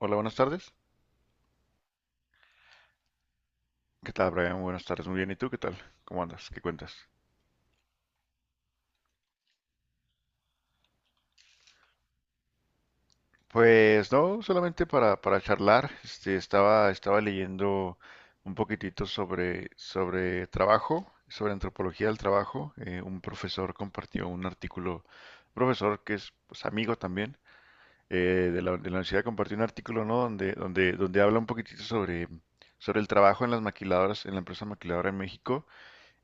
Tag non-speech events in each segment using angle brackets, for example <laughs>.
Hola, buenas tardes. ¿Qué tal, Brian? Buenas tardes. Muy bien. ¿Y tú qué tal? ¿Cómo andas? ¿Qué cuentas? Pues no, solamente para charlar. Estaba leyendo un poquitito sobre trabajo, sobre antropología del trabajo. Un profesor compartió un artículo, un profesor que es, pues, amigo también de la universidad, compartió un artículo, ¿no? Donde habla un poquitito sobre el trabajo en las maquiladoras, en la empresa maquiladora en México,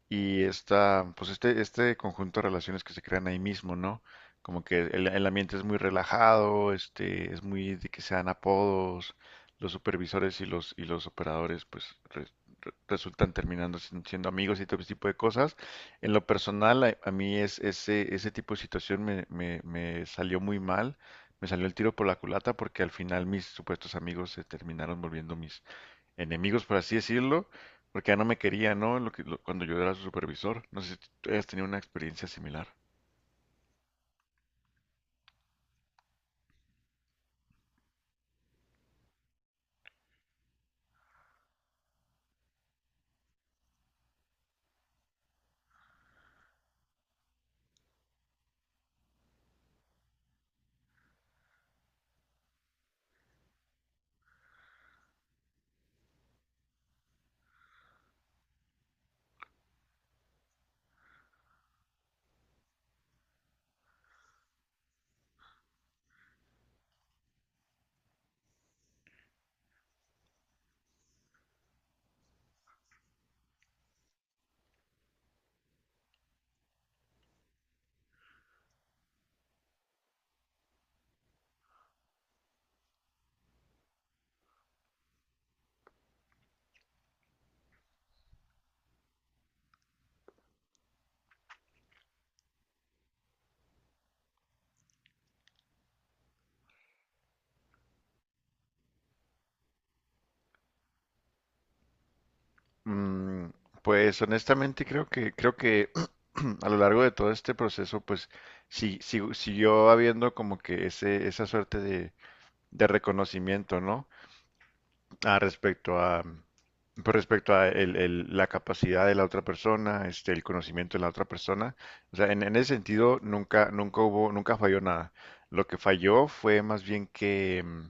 y este conjunto de relaciones que se crean ahí mismo, ¿no? Como que el ambiente es muy relajado, este, es muy de que se dan apodos, los supervisores y los operadores, pues re- resultan terminando siendo amigos y todo ese tipo de cosas. En lo personal, a mí ese tipo de situación me salió muy mal, me salió el tiro por la culata porque al final mis supuestos amigos se terminaron volviendo enemigos, por así decirlo, porque ya no me quería, ¿no? Cuando yo era su supervisor. No sé si tú has tenido una experiencia similar. Mm, pues honestamente creo que <clears throat> a lo largo de todo este proceso, pues sí, siguió habiendo como que ese esa suerte de reconocimiento, ¿no? Ah, respecto a, pero respecto a la capacidad de la otra persona, este, el conocimiento de la otra persona, o sea, en ese sentido nunca hubo, nunca falló nada. Lo que falló fue más bien que,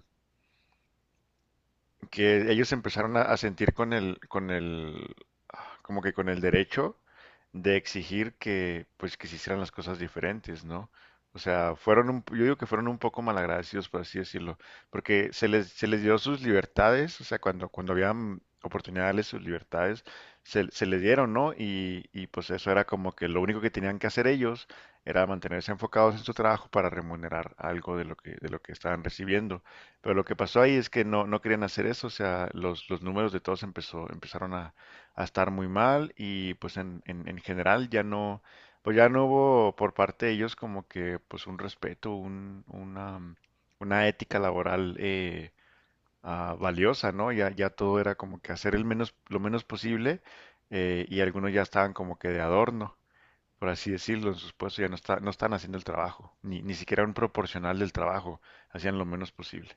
que ellos empezaron a sentir con el, como que con el derecho de exigir que, pues, que se hicieran las cosas diferentes, ¿no? O sea, fueron un, yo digo que fueron un poco malagradecidos, por así decirlo, porque se les dio sus libertades, o sea, cuando habían oportunidad de darles sus libertades, se les dieron, ¿no? Y pues eso era como que lo único que tenían que hacer ellos era mantenerse enfocados en su trabajo para remunerar algo de lo que estaban recibiendo. Pero lo que pasó ahí es que no, no querían hacer eso, o sea, los números de todos empezaron a estar muy mal, y pues en general ya no, pues ya no hubo por parte de ellos como que, pues, un respeto, una, una ética laboral, valiosa, ¿no? Ya todo era como que hacer lo menos posible, y algunos ya estaban como que de adorno, por así decirlo, en sus puestos, ya no, no están haciendo el trabajo, ni, ni siquiera un proporcional del trabajo, hacían lo menos posible.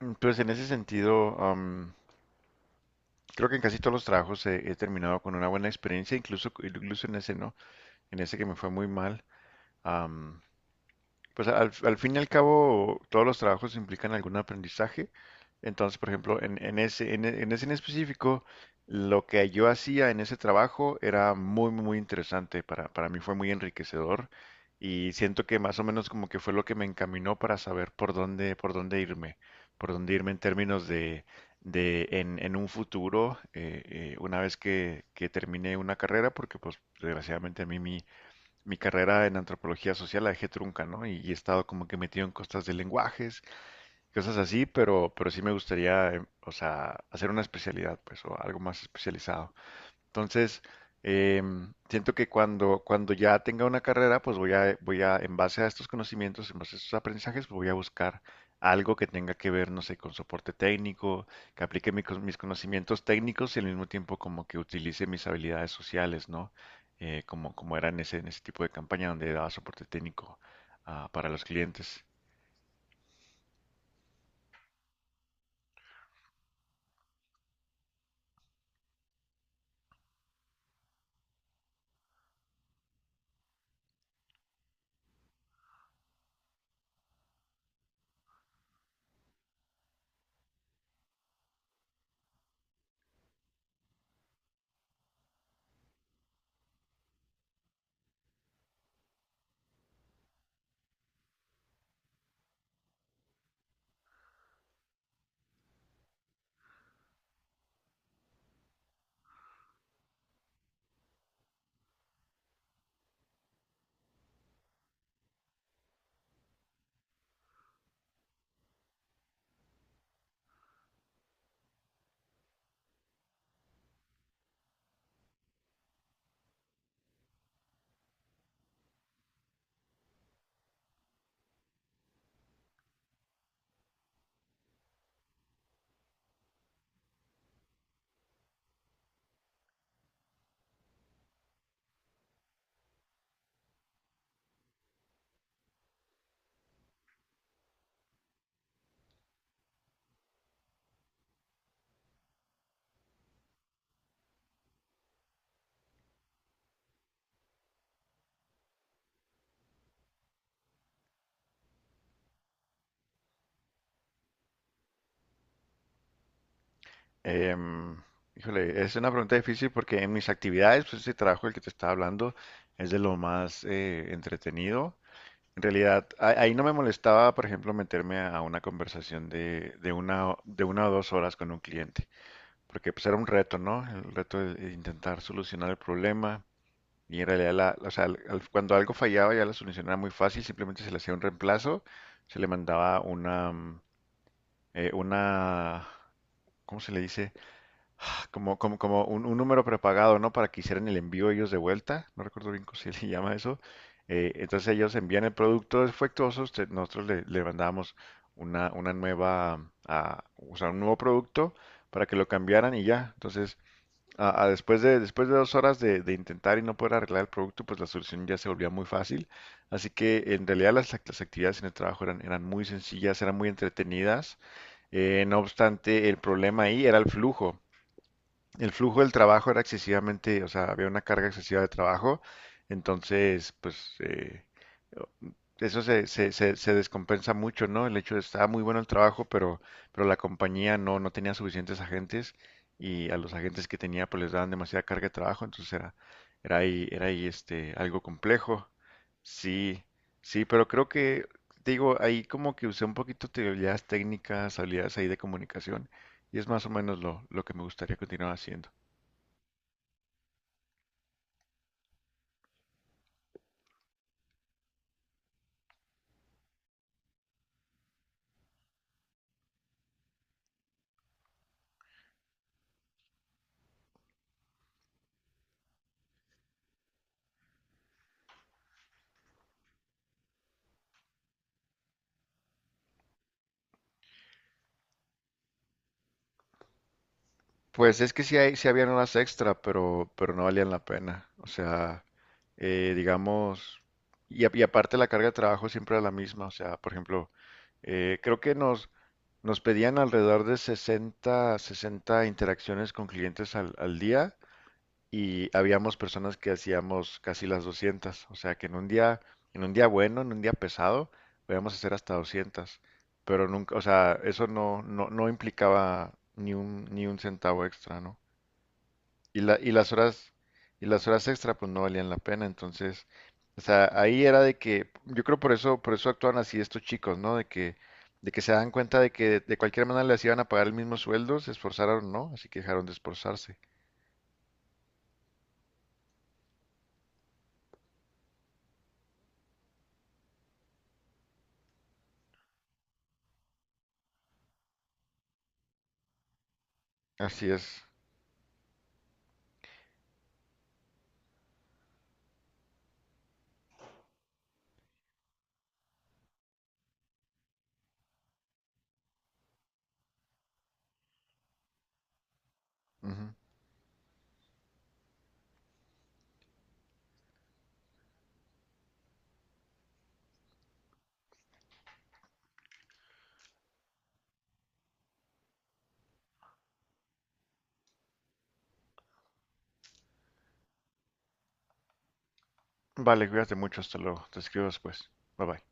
Entonces, en ese sentido, creo que en casi todos los trabajos he terminado con una buena experiencia, incluso, incluso en ese no, en ese que me fue muy mal. am, pues al, al fin y al cabo, todos los trabajos implican algún aprendizaje. Entonces, por ejemplo, en ese en específico, lo que yo hacía en ese trabajo era muy, muy interesante. Para mí fue muy enriquecedor y siento que más o menos como que fue lo que me encaminó para saber por dónde irme en términos de en un futuro, una vez que termine una carrera, porque pues desgraciadamente a mí mi carrera en antropología social la dejé trunca, ¿no? Y he estado como que metido en cosas de lenguajes, cosas así, pero sí me gustaría, o sea, hacer una especialidad, pues, o algo más especializado. Entonces, eh, siento que cuando ya tenga una carrera, pues voy a, en base a estos conocimientos, en base a estos aprendizajes, pues voy a buscar algo que tenga que ver, no sé, con soporte técnico, que aplique mis conocimientos técnicos y al mismo tiempo como que utilice mis habilidades sociales, ¿no? Como era en ese tipo de campaña donde daba soporte técnico, para los clientes. Em, Híjole, es una pregunta difícil porque en mis actividades, pues este trabajo del que te estaba hablando es de lo más, entretenido. En realidad, ahí no me molestaba, por ejemplo, meterme a una conversación de una, de una o dos horas con un cliente, porque pues era un reto, ¿no? El reto de intentar solucionar el problema. Y en realidad, o sea, cuando algo fallaba, ya la solución era muy fácil, simplemente se le hacía un reemplazo, se le mandaba una, una, ¿cómo se le dice? <sighs> Como un número prepagado, ¿no? Para que hicieran el envío ellos de vuelta. No recuerdo bien cómo se <laughs> le llama eso. Entonces ellos envían el producto defectuoso. Nosotros le, le mandamos una nueva, o sea, un nuevo producto para que lo cambiaran y ya. Entonces, después de dos horas de intentar y no poder arreglar el producto, pues la solución ya se volvía muy fácil. Así que en realidad las, las actividades en el trabajo eran, eran muy sencillas, eran muy entretenidas. No obstante, el problema ahí era el flujo, el flujo del trabajo era excesivamente, o sea, había una carga excesiva de trabajo, entonces, pues, eso se descompensa mucho, ¿no? El hecho de estaba muy bueno el trabajo, pero la compañía no, no tenía suficientes agentes, y a los agentes que tenía, pues, les daban demasiada carga de trabajo, entonces era, era ahí, este, algo complejo. Sí, sí, pero creo que, te digo, ahí como que usé un poquito de habilidades técnicas, habilidades ahí de comunicación, y es más o menos lo que me gustaría continuar haciendo. Pues es que sí, hay, sí habían horas extra, pero no valían la pena. O sea, digamos, y, y aparte la carga de trabajo siempre era la misma. O sea, por ejemplo, creo que nos pedían alrededor de 60, 60 interacciones con clientes al día, y habíamos personas que hacíamos casi las 200, o sea que en un día bueno, en un día pesado, podíamos hacer hasta 200, pero nunca, o sea, eso no, no, no implicaba ni un, ni un centavo extra, ¿no? Y y las horas extra pues no valían la pena, entonces, o sea, ahí era de que, yo creo por eso actúan así estos chicos, ¿no? De que se dan cuenta de que de cualquier manera les iban a pagar el mismo sueldo, se esforzaron, ¿no? Así que dejaron de esforzarse. Así es. Vale, cuídate mucho, hasta luego. Te escribo después. Bye bye.